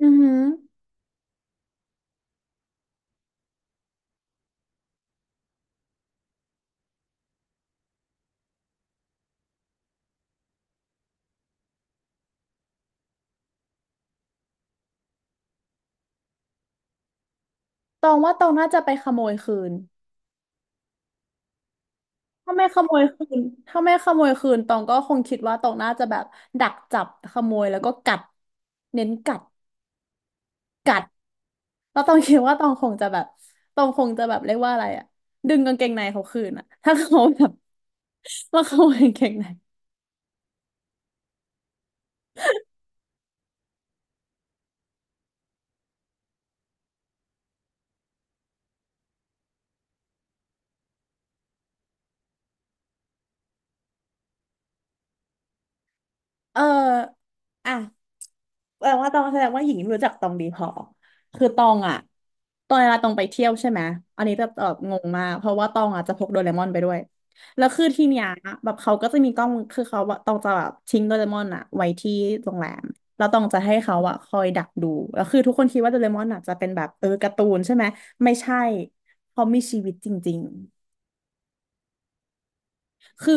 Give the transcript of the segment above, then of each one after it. อือหือตองว่าตองน่าจะไปขโมยคืนถ้าไม่ขโมยคืนถ้าไม่ขโมยคืนตองก็คงคิดว่าตองน่าจะแบบดักจับขโมยแล้วก็กัดเน้นกัดแล้วตองคิดว่าตองคงจะแบบตองคงจะแบบเรียกว่าอะไรอะดึงกางเกงในเขาคืนอะถ้าเขาแบบ ว่าขโมยกางเกงในเอออ่ะ แปลว่าตองแสดงว่าหญิงไม่รู้จักตองดีพอคือตองอ่ะตอนเวลาตองไปเที่ยวใช่ไหมอันนี้จะแบบงงมากเพราะว่าตองอ่ะจะพกโดเรมอนไปด้วยแล้วคือที่เนี้ยแบบเขาก็จะมีกล้องคือเขาว่าตองจะแบบทิ้งโดเรมอนอ่ะไว้ที่โรงแรมแล้วตองจะให้เขาอ่ะคอยดักดูแล้วคือทุกคนคิดว่าโดเรมอนอ่ะจะเป็นแบบการ์ตูนใช่ไหมไม่ใช่เขามีชีวิตจริงๆคือ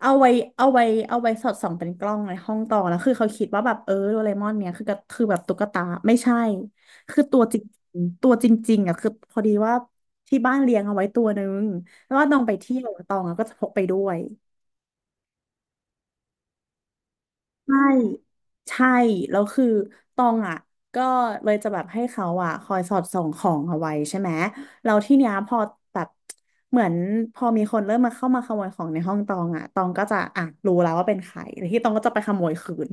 เอาไว้เอาไว้เอาไว้สอดส่องเป็นกล้องในห้องต่อนะคือเขาคิดว่าแบบโดเรมอนเนี่ยคือก็คือแบบตุ๊กตาไม่ใช่คือตัวจริงๆอ่ะคือพอดีว่าที่บ้านเลี้ยงเอาไว้ตัวนึงแล้วว่าน้องไปเที่ยวอะตองอะก็จะพกไปด้วย ใช่ใช่แล้วคือตองอ่ะก็เลยจะแบบให้เขาอ่ะคอยสอดส่องของเอาไว้ใช่ไหมแล้วที่เนี้ยพอแบบเหมือนพอมีคนเริ่มมาเข้ามาขโมยของในห้องตองอ่ะตองก็จะอ่ะรู้แล้วว่าเป็นใครแล้วที่ตองก็จะไปขโมยคืน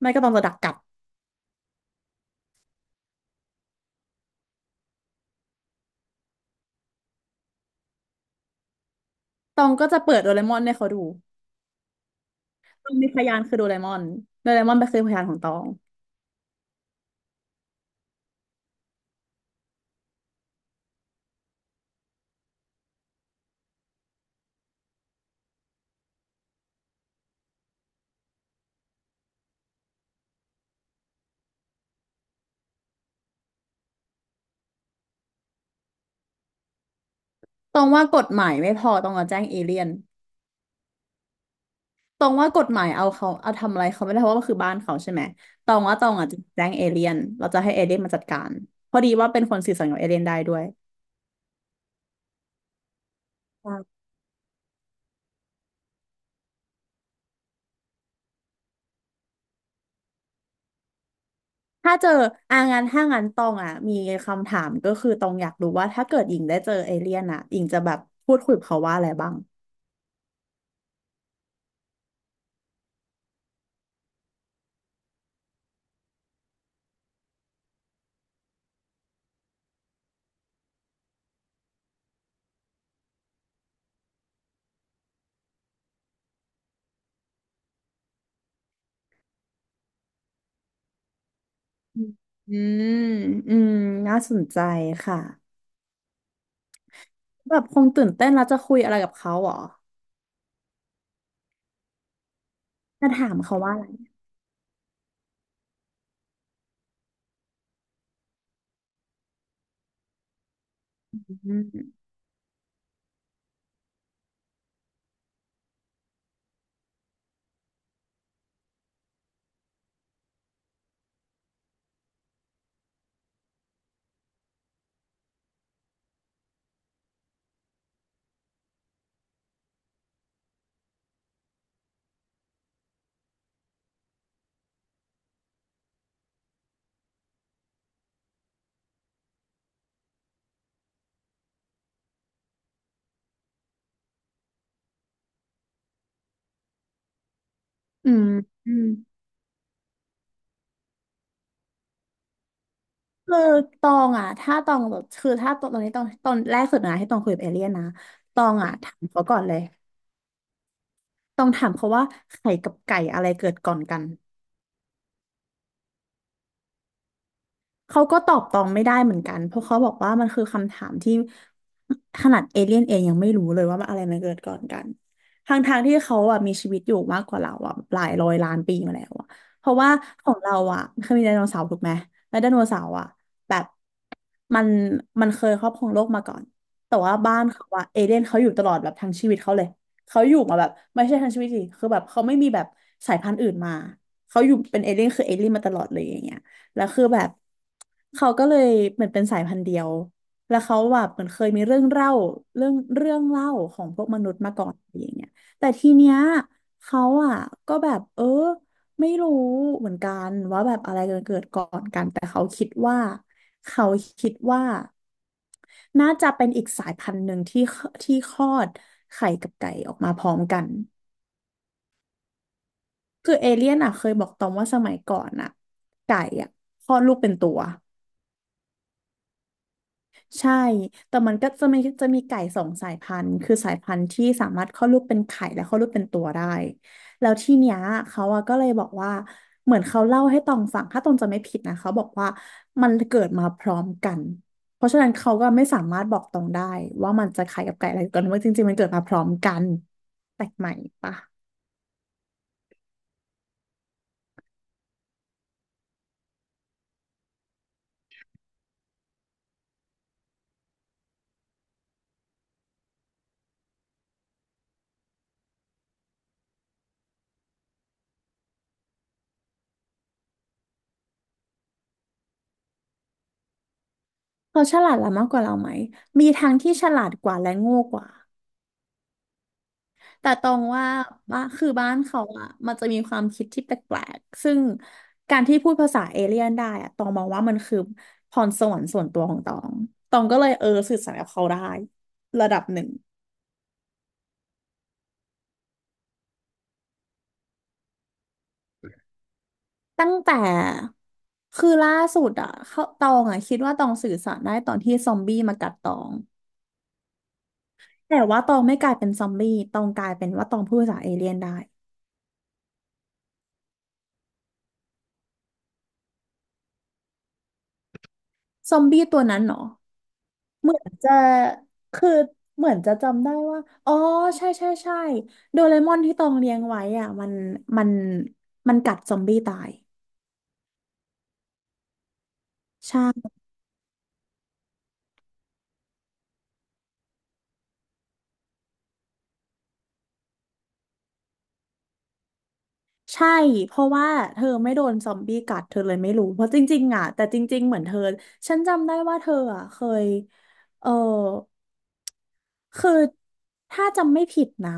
ไม่ก็ตองจะดักกลับตองก็จะเปิดโดเรมอนให้เขาดูตองมีพยานคือโดเรมอนโดเรมอนไปนคือพยานของตองตองว่ากฎหมายไม่พอตองจะแจ้งเอเลี่ยน ตองว่ากฎหมายเอาเขาเอาทำอะไรเขาไม่ได้เพราะว่ามันคือบ้านเขาใช่ไหมตองว่าตองอาจจะแจ้งเอเลี่ยนเราจะให้เอเลี่ยนมาจัดการพอดีว่าเป็นคนสื่อสารกับเอเลี่ยนได้ด้วยอ่าถ้าเจองานถ้างานตองอ่ะมีคำถามก็คือตองอยากรู้ว่าถ้าเกิดหญิงได้เจอเอเลี่ยนอ่ะหญิงจะแบบพูดคุยกับเขาว่าอะไรบ้างอืมอืมอืมน่าสนใจค่ะแบบคงตื่นเต้นแล้วจะคุยอะไรกับเขาเหรอจะถามเขาว่าอะไรอืมอืม คือตองอ่ะถ้าตองแบบคือถ้าตอนนี้ตองตอนแรกสุดนะที่ตองคุยกับเอเลี่ยนนะตองอ่ะถามเขาก่อนเลยตองถามเขาว่าไข่กับไก่อะไรเกิดก่อนกัน เขาก็ตอบตองไม่ได้เหมือนกันเพราะเขาบอกว่ามันคือคำถามที่ขนาดเอเลี่ยนเองยังไม่รู้เลยว่าอะไรมันเกิดก่อนกันทางๆที่เขาอ่ะมีชีวิตอยู่มากกว่าเราอ่ะหลายร้อยล้านปีมาแล้วอ่ะเพราะว่าของเราอ่ะเคยมีไดโนเสาร์ถูกไหมแล้วไดโนเสาร์อ่ะแบบมันมันเคยครอบครองโลกมาก่อนแต่ว่าบ้านเขาอ่ะเอเลี่ยนเขาอยู่ตลอดแบบทั้งชีวิตเขาเลยเขาอยู่มาแบบไม่ใช่ทั้งชีวิตดิคือแบบเขาไม่มีแบบสายพันธุ์อื่นมาเขาอยู่เป็นเอเลี่ยนคือเอเลี่ยนมาตลอดเลยอย่างเงี้ย แล้วคือแบบเขาก็เลยเหมือนเป็นสายพันธุ์เดียวแล้วเขาแบบเหมือนเคยมีเรื่องเล่าของพวกมนุษย์มาก่อนอะไรอย่างเงี้ยแต่ทีเนี้ยเขาอ่ะก็แบบไม่รู้เหมือนกันว่าแบบอะไรจะเกิดก่อนกันแต่เขาคิดว่าเขาคิดว่าน่าจะเป็นอีกสายพันธุ์หนึ่งที่คลอดไข่กับไก่ออกมาพร้อมกันคือเอเลี่ยนอ่ะเคยบอกตอมว่าสมัยก่อนอ่ะไก่อ่ะคลอดลูกเป็นตัว ใช่ แต่มันก็จะมีไก่สองสายพันธุ์คือสายพันธุ์ที่สามารถคลอดลูกเป็นไข่และคลอดลูกเป็นตัวได้แล้วที่เนี้ยเขาอะก็เลยบอกว่า เหมือนเขาเล่าให้ตองฟังถ้าตองจะไม่ผิดนะเขาบอกว่ามันเกิดมาพร้อมกัน เพราะฉะนั้นเขาก็ไม่สามารถบอกตองได้ว่ามันจะไข่กับไก่อะไรกันว่าจริงๆมันเกิดมาพร้อมกันแปลกใหม่ปะเขาฉลาดละมากกว่าเราไหมมีทั้งที่ฉลาดกว่าและโง่กว่า แต่ตรงว่าบ้านคือบ้านเขาอะ มันจะมีความคิดที่แปลกๆซึ่งการที่พูดภาษาเอเลี่ยนได้อะตองมองว่ามันคือพรสวรรค์ส่วนตัวของตองตองก็เลยสื่อสารกับเขาได้ระดับหนึ่งตั้งแต่ คือล่าสุดอะเขาตองอะคิดว่าตองสื่อสารได้ตอนที่ซอมบี้มากัดตอง แต่ว่าตองไม่กลายเป็นซอมบี้ตองกลายเป็นว่าตองพูดภาษาเอเลี่ยนได้ซอมบี้ตัวนั้นเหรอ เหมือนจะคือเหมือนจะจำได้ว่าอ๋อใช่ใช่ใช่โดเรมอนที่ตองเลี้ยงไว้อ่ะมันมันมันกัดซอมบี้ตายใช่ใช่เพราะว่าเธอไม่โดนซอมบี้กัดเธอเลยไม่รู้เพราะจริงๆอ่ะแต่จริงๆเหมือนเธอฉันจำได้ว่าเธออ่ะเคยเออคือถ้าจำไม่ผิดนะ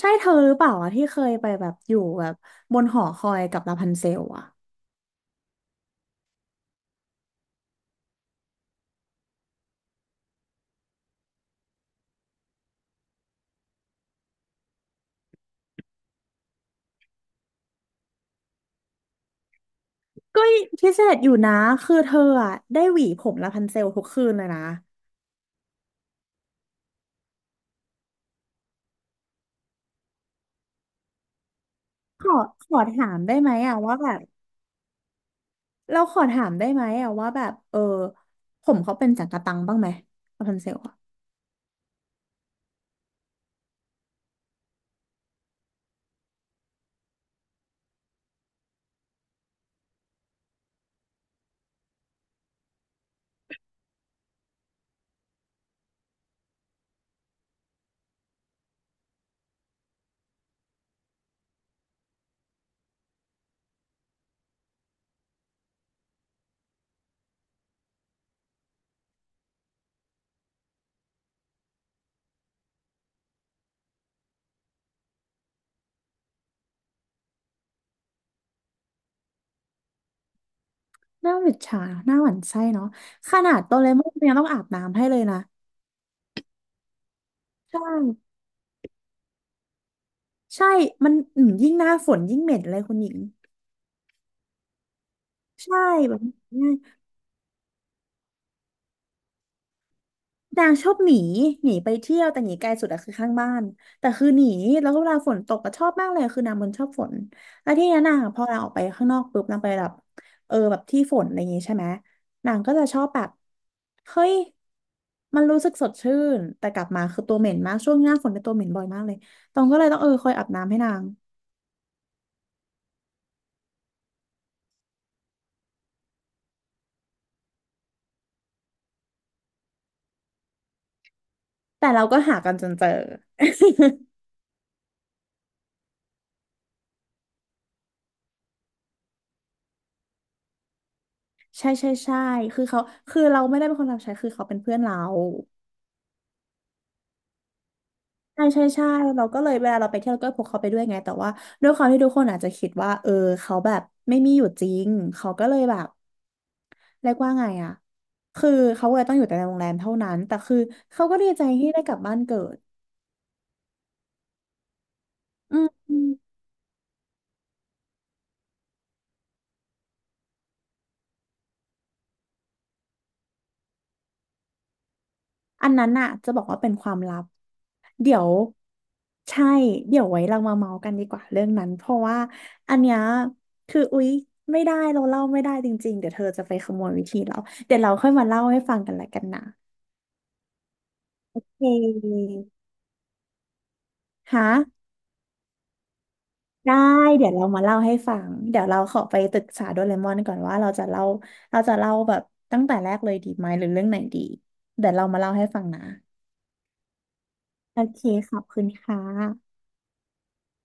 ใช่เธอหรือเปล่าอ่ะที่เคยไปแบบอยู่แบบบนหอคอยกับลาพันเซลอ่ะ ก็พิเศษอยู่นะคือเธออะได้หวีผมละพันเซลทุกคืนเลยนะขอถามได้ไหมอะว่าแบบเราขอถามได้ไหมอะว่าแบบผมเขาเป็นจักระตังบ้างไหมละพันเซลอะหน้าหวิดฉาหน้าหวั่นไส้เนาะขนาดโดเรมอนยังต้องอาบน้ำให้เลยนะใช่ใช่มันยิ่งหน้าฝนยิ่งเหม็นเลยคุณหญิงใช่แบบนี้ นางชอบหนีหนีไปเที่ยวแต่หนีไกลสุดอะคือข้างบ้านแต่คือหนีแล้วก็เวลาฝนตกก็ชอบมากเลยคือนางมันชอบฝนแล้วที่นี้นนางอะพอนางออกไปข้างนอกปุ๊บนางไปแบบแบบที่ฝนอะไรอย่างงี้ใช่ไหมนางก็จะชอบแบบเฮ้ยมันรู้สึกสดชื่นแต่กลับมาคือตัวเหม็นมากช่วงหน้าฝนเป็นยตัวเหม็นบ่อยมากเลยตองก็เลยต้องคอยอาบน้ำให้นางแต่เราก็หากันจนเจอใช่ใช่ใช่คือเขาคือเราไม่ได้เป็นคนรับใช้คือเขาเป็นเพื่อนเรา ใช่ใช่ใช่เราก็เลยเวลาเราไปเที่ยวเราก็พกเขาไปด้วยไงแต่ว่าด้วยความที่ทุกคนอาจจะคิดว่าเขาแบบไม่มีอยู่จริง เขาก็เลยแบบเรียกว่าไงอะ คือเขาเลยต้องอยู่แต่ในโรงแรมเท่านั้น แต่คือเขาก็ดีใจที่ได้กลับบ้านเกิดอืมอมอันนั้นน่ะจะบอกว่าเป็นความลับ เดี๋ยวใช่ เดี๋ยวไว้เรามาเมาส์กันดีกว่าเรื่องนั้นเพราะว่าอันเนี้ยคืออุ๊ยไม่ได้เราเล่าไม่ได้จริงๆเดี๋ยวเธอจะไปขโมยวิธีเราเดี๋ยวเราค่อยมาเล่าให้ฟังกันละกันนะโอเค ฮะได้เดี๋ยวเรามาเล่าให้ฟังเดี๋ยวเราขอไปปรึกษาโดเรมอนก่อนว่าเราจะเล่าเราจะเล่าแบบตั้งแต่แรกเลยดีไหมหรือเรื่องไหนดีเดี๋ยวเรามาเล่าให้ฟังนะโอเคขอบคุณค่ะ